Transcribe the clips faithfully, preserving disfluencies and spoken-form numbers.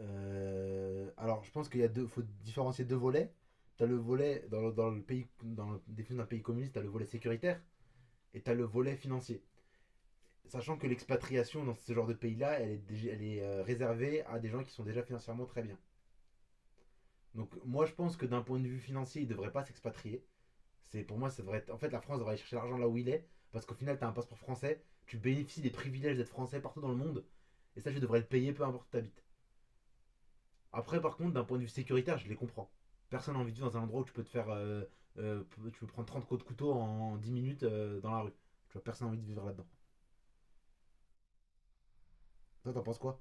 Euh, alors, je pense qu'il y a deux, faut différencier deux volets. T'as le volet dans le, dans le pays, dans le- des d'un pays communiste, t'as le volet sécuritaire et t'as le volet financier. Sachant que l'expatriation dans ce genre de pays-là, elle est, dég- elle est euh, réservée à des gens qui sont déjà financièrement très bien. Donc, moi, je pense que d'un point de vue financier, ils ne devraient pas s'expatrier. C'est pour moi, ça devrait être. En fait, la France devrait aller chercher l'argent là où il est, parce qu'au final, t'as un passeport français, tu bénéficies des privilèges d'être français partout dans le monde, et ça, tu devrais le payer peu importe où t'habites. Après, par contre, d'un point de vue sécuritaire, je les comprends. Personne n'a envie de vivre dans un endroit où tu peux te faire. euh, euh, Tu peux prendre trente coups de couteau en dix minutes euh, dans la rue. Tu vois, personne n'a envie de vivre là-dedans. Toi, t'en penses quoi?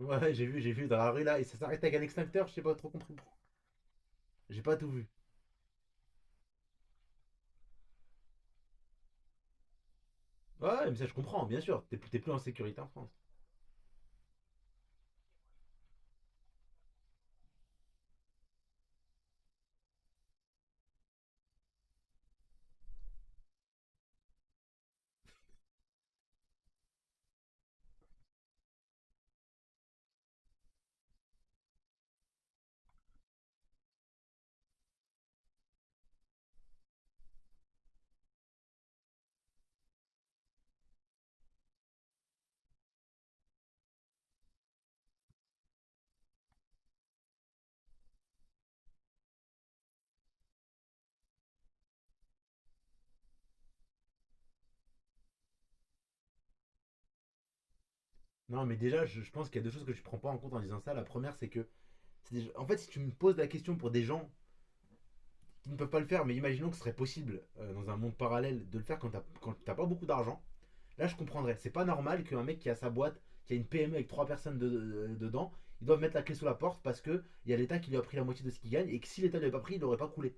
Ouais, j'ai vu, j'ai vu dans la rue là, et ça s'arrête avec un extincteur, je sais pas trop compris pourquoi. J'ai pas tout vu. Ouais, mais ça, je comprends, bien sûr. T'es plus, t'es plus en sécurité en France. Non, mais déjà, je, je pense qu'il y a deux choses que tu prends pas en compte en disant ça. La première, c'est que. c'est déjà- En fait, si tu me poses la question pour des gens qui ne peuvent pas le faire, mais imaginons que ce serait possible euh, dans un monde parallèle de le faire quand t'as quand t'as pas beaucoup d'argent. Là, je comprendrais. C'est pas normal qu'un mec qui a sa boîte, qui a une P M E avec trois personnes de- de- dedans, ils doivent mettre la clé sous la porte parce que il y a l'État qui lui a pris la moitié de ce qu'il gagne et que si l'État ne lui pas pris, il n'aurait pas coulé.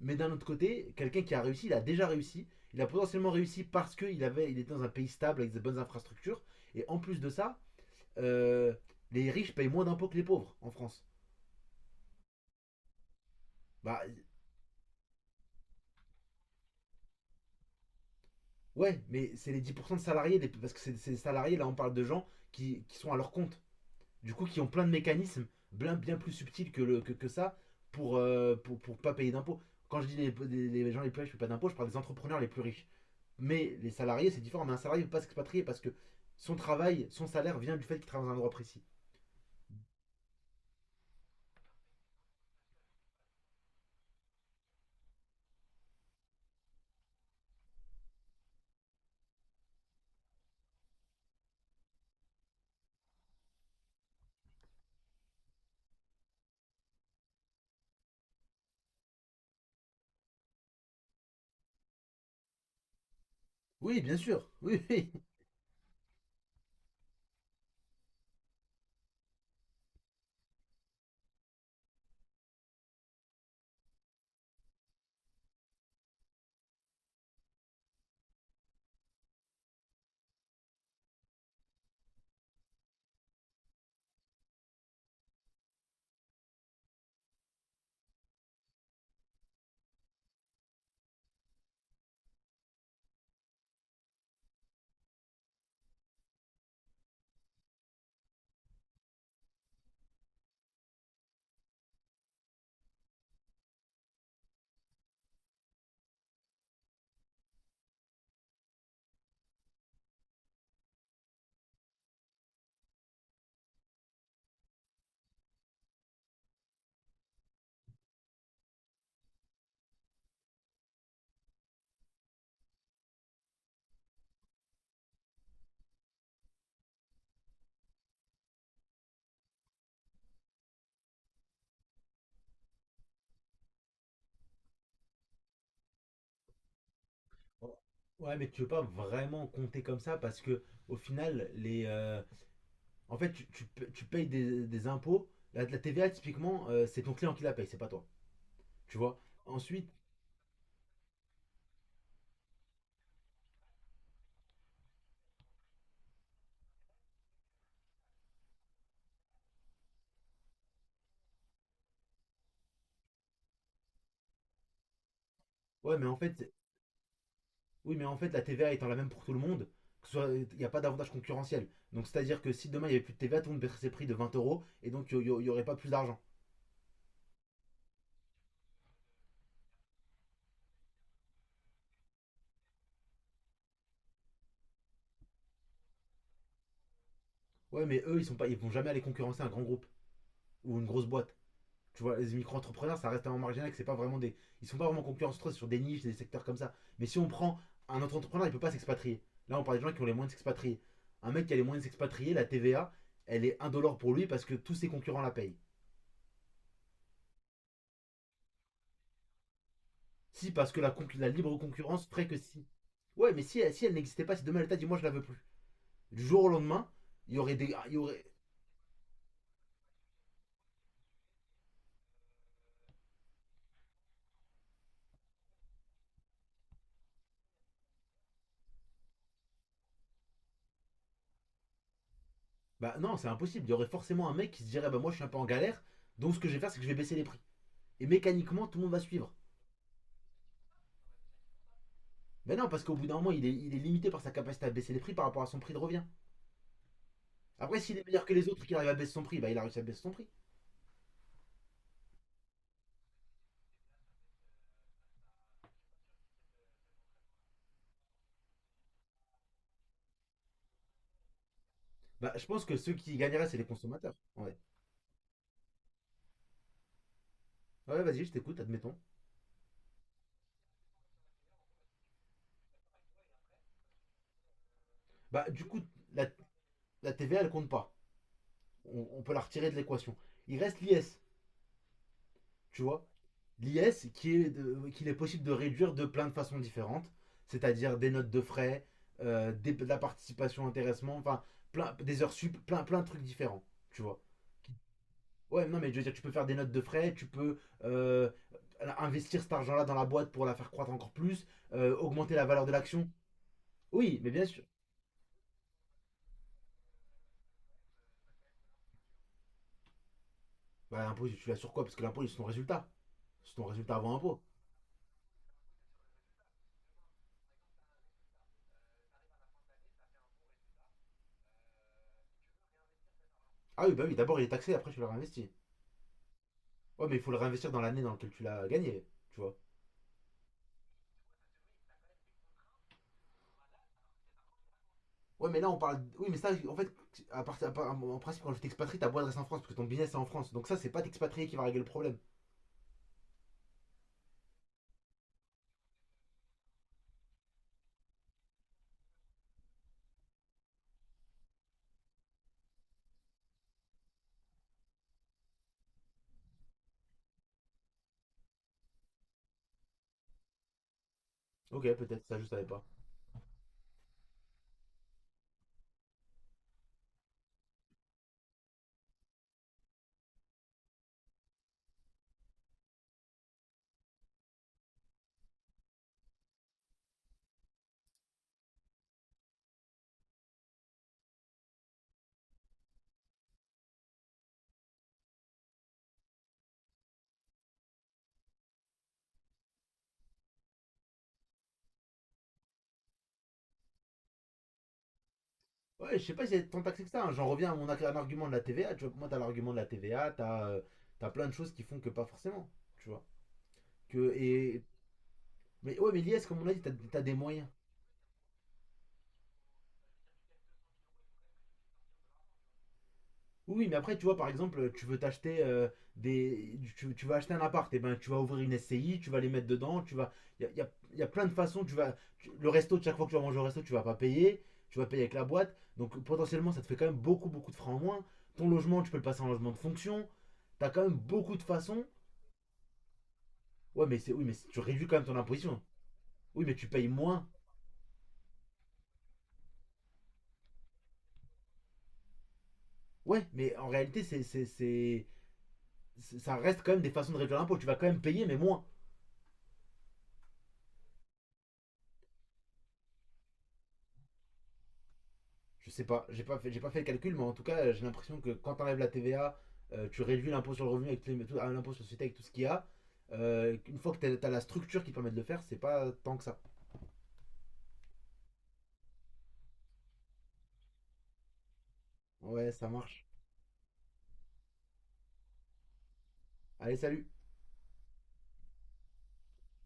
Mais d'un autre côté, quelqu'un qui a réussi, il a déjà réussi. Il a potentiellement réussi parce qu'il avait, il était dans un pays stable avec des bonnes infrastructures. Et en plus de ça, euh, les riches payent moins d'impôts que les pauvres en France. Bah ouais, mais c'est les dix pour cent de salariés, parce que c'est c'est salariés, là on parle de gens qui, qui sont à leur compte, du coup qui ont plein de mécanismes bien, bien plus subtils que, le, que, que ça pour, euh, pour, pour pas payer d'impôts. Quand je dis les, les- les gens les plus riches ne payent pas d'impôts, je parle des entrepreneurs les plus riches. Mais les salariés, c'est différent. Mais un salarié ne peut pas s'expatrier parce que son travail, son salaire vient du fait qu'il travaille dans un endroit précis. Oui, bien sûr. Oui, oui. Ouais, mais tu veux pas vraiment compter comme ça parce que au final, les, euh, en fait, tu, tu tu payes des, des impôts. La, la T V A, typiquement, euh, c'est ton client qui la paye, c'est pas toi. Tu vois. Ensuite, ouais, mais en fait, oui, mais en fait, la T V A étant la même pour tout le monde, que ce soit- il n'y a pas d'avantage concurrentiel. Donc, c'est-à-dire que si demain il n'y avait plus de T V A, tout le monde baisserait ses prix de vingt euros et donc il n'y aurait pas plus d'argent. Ouais, mais eux, ils sont pas, ils vont jamais aller concurrencer un grand groupe ou une grosse boîte. Tu vois, les micro-entrepreneurs, ça reste un marginal, que c'est pas vraiment des. Ils sont pas vraiment concurrentiels sur des niches, des secteurs comme ça. Mais si on prend un autre entrepreneur, il peut pas s'expatrier. Là, on parle des gens qui ont les moyens de s'expatrier. Un mec qui a les moyens de s'expatrier, la T V A, elle est un euro$ pour lui parce que tous ses concurrents la payent. Si, parce que la, concu- la libre concurrence ferait que si. Ouais, mais si, si elle n'existait pas, si demain elle t'a dit moi je la veux plus, du jour au lendemain, il y aurait des. Il y aurait... Bah non, c'est impossible. Il y aurait forcément un mec qui se dirait bah moi je suis un peu en galère, donc ce que je vais faire c'est que je vais baisser les prix. Et mécaniquement tout le monde va suivre. Mais non, parce qu'au bout d'un moment il est, il est limité par sa capacité à baisser les prix par rapport à son prix de revient. Après, s'il est meilleur que les autres et qu'il arrive à baisser son prix, bah il a réussi à baisser son prix. Bah je pense que ceux qui gagneraient c'est les consommateurs. Ouais. Ouais, vas-y, je t'écoute, admettons. Bah du coup, la, la T V A elle compte pas. On- on peut la retirer de l'équation. Il reste l'I S. Tu vois, l'I S qui est qu'il est possible de réduire de plein de façons différentes, c'est-à-dire des notes de frais, euh, des- de la participation, intéressement, enfin plein des heures sup, plein plein de trucs différents, tu vois. Ouais, non mais je veux dire tu peux faire des notes de frais, tu peux euh, investir cet argent-là dans la boîte pour la faire croître encore plus, euh, augmenter la valeur de l'action. Oui, mais bien sûr. Bah l'impôt tu l'as sur quoi? Parce que l'impôt c'est ton résultat, c'est ton résultat avant impôt. Ah oui, bah oui, d'abord il est taxé, après tu le réinvestis. Ouais, mais il faut le réinvestir dans l'année dans laquelle tu l'as gagné, tu vois. Ouais, mais là, on parle. Oui, mais ça, en fait, à part, à part- en principe, quand je t'expatrie, ta boîte reste en France parce que ton business est en France. Donc, ça, c'est pas t'expatrier qui va régler le problème. Ok, peut-être, ça, je savais pas. Ouais, je sais pas si c'est tant taxé que ça, hein. J'en reviens à mon ar- un argument de la T V A. Tu vois, pour moi, t'as l'argument de la T V A, t'as euh, t'as plein de choses qui font que pas forcément. Tu vois. Que, et... Mais ouais, mais l'I S, comme on l'a dit, t'as t'as des moyens. Oui, mais après, tu vois, par exemple, tu veux t'acheter euh, des. Tu, tu vas acheter un appart, et ben tu vas ouvrir une S C I, tu vas les mettre dedans, tu vas. Il y a, y a- y a plein de façons, tu vas. tu- le resto, chaque fois que tu vas manger au resto, tu vas pas payer, tu vas payer avec la boîte. Donc potentiellement, ça te fait quand même beaucoup, beaucoup de francs en moins. Ton logement, tu peux le passer en logement de fonction. T'as quand même beaucoup de façons. Ouais, mais c'est. Oui, mais c'est- tu réduis quand même ton imposition. Oui, mais tu payes moins. Ouais, mais en réalité, c'est. c'est- c'est- c'est- ça reste quand même des façons de réduire l'impôt. Tu vas quand même payer, mais moins. Je sais pas, j'ai pas fait, j'ai pas fait le calcul, mais en tout cas, j'ai l'impression que quand t'enlèves la T V A, euh, tu réduis l'impôt sur le revenu avec tout- ah, l'impôt sur la société avec tout ce qu'il y a. Euh, une fois que t'as as la structure qui permet de le faire, c'est pas tant que ça. Ouais, ça marche. Allez, salut.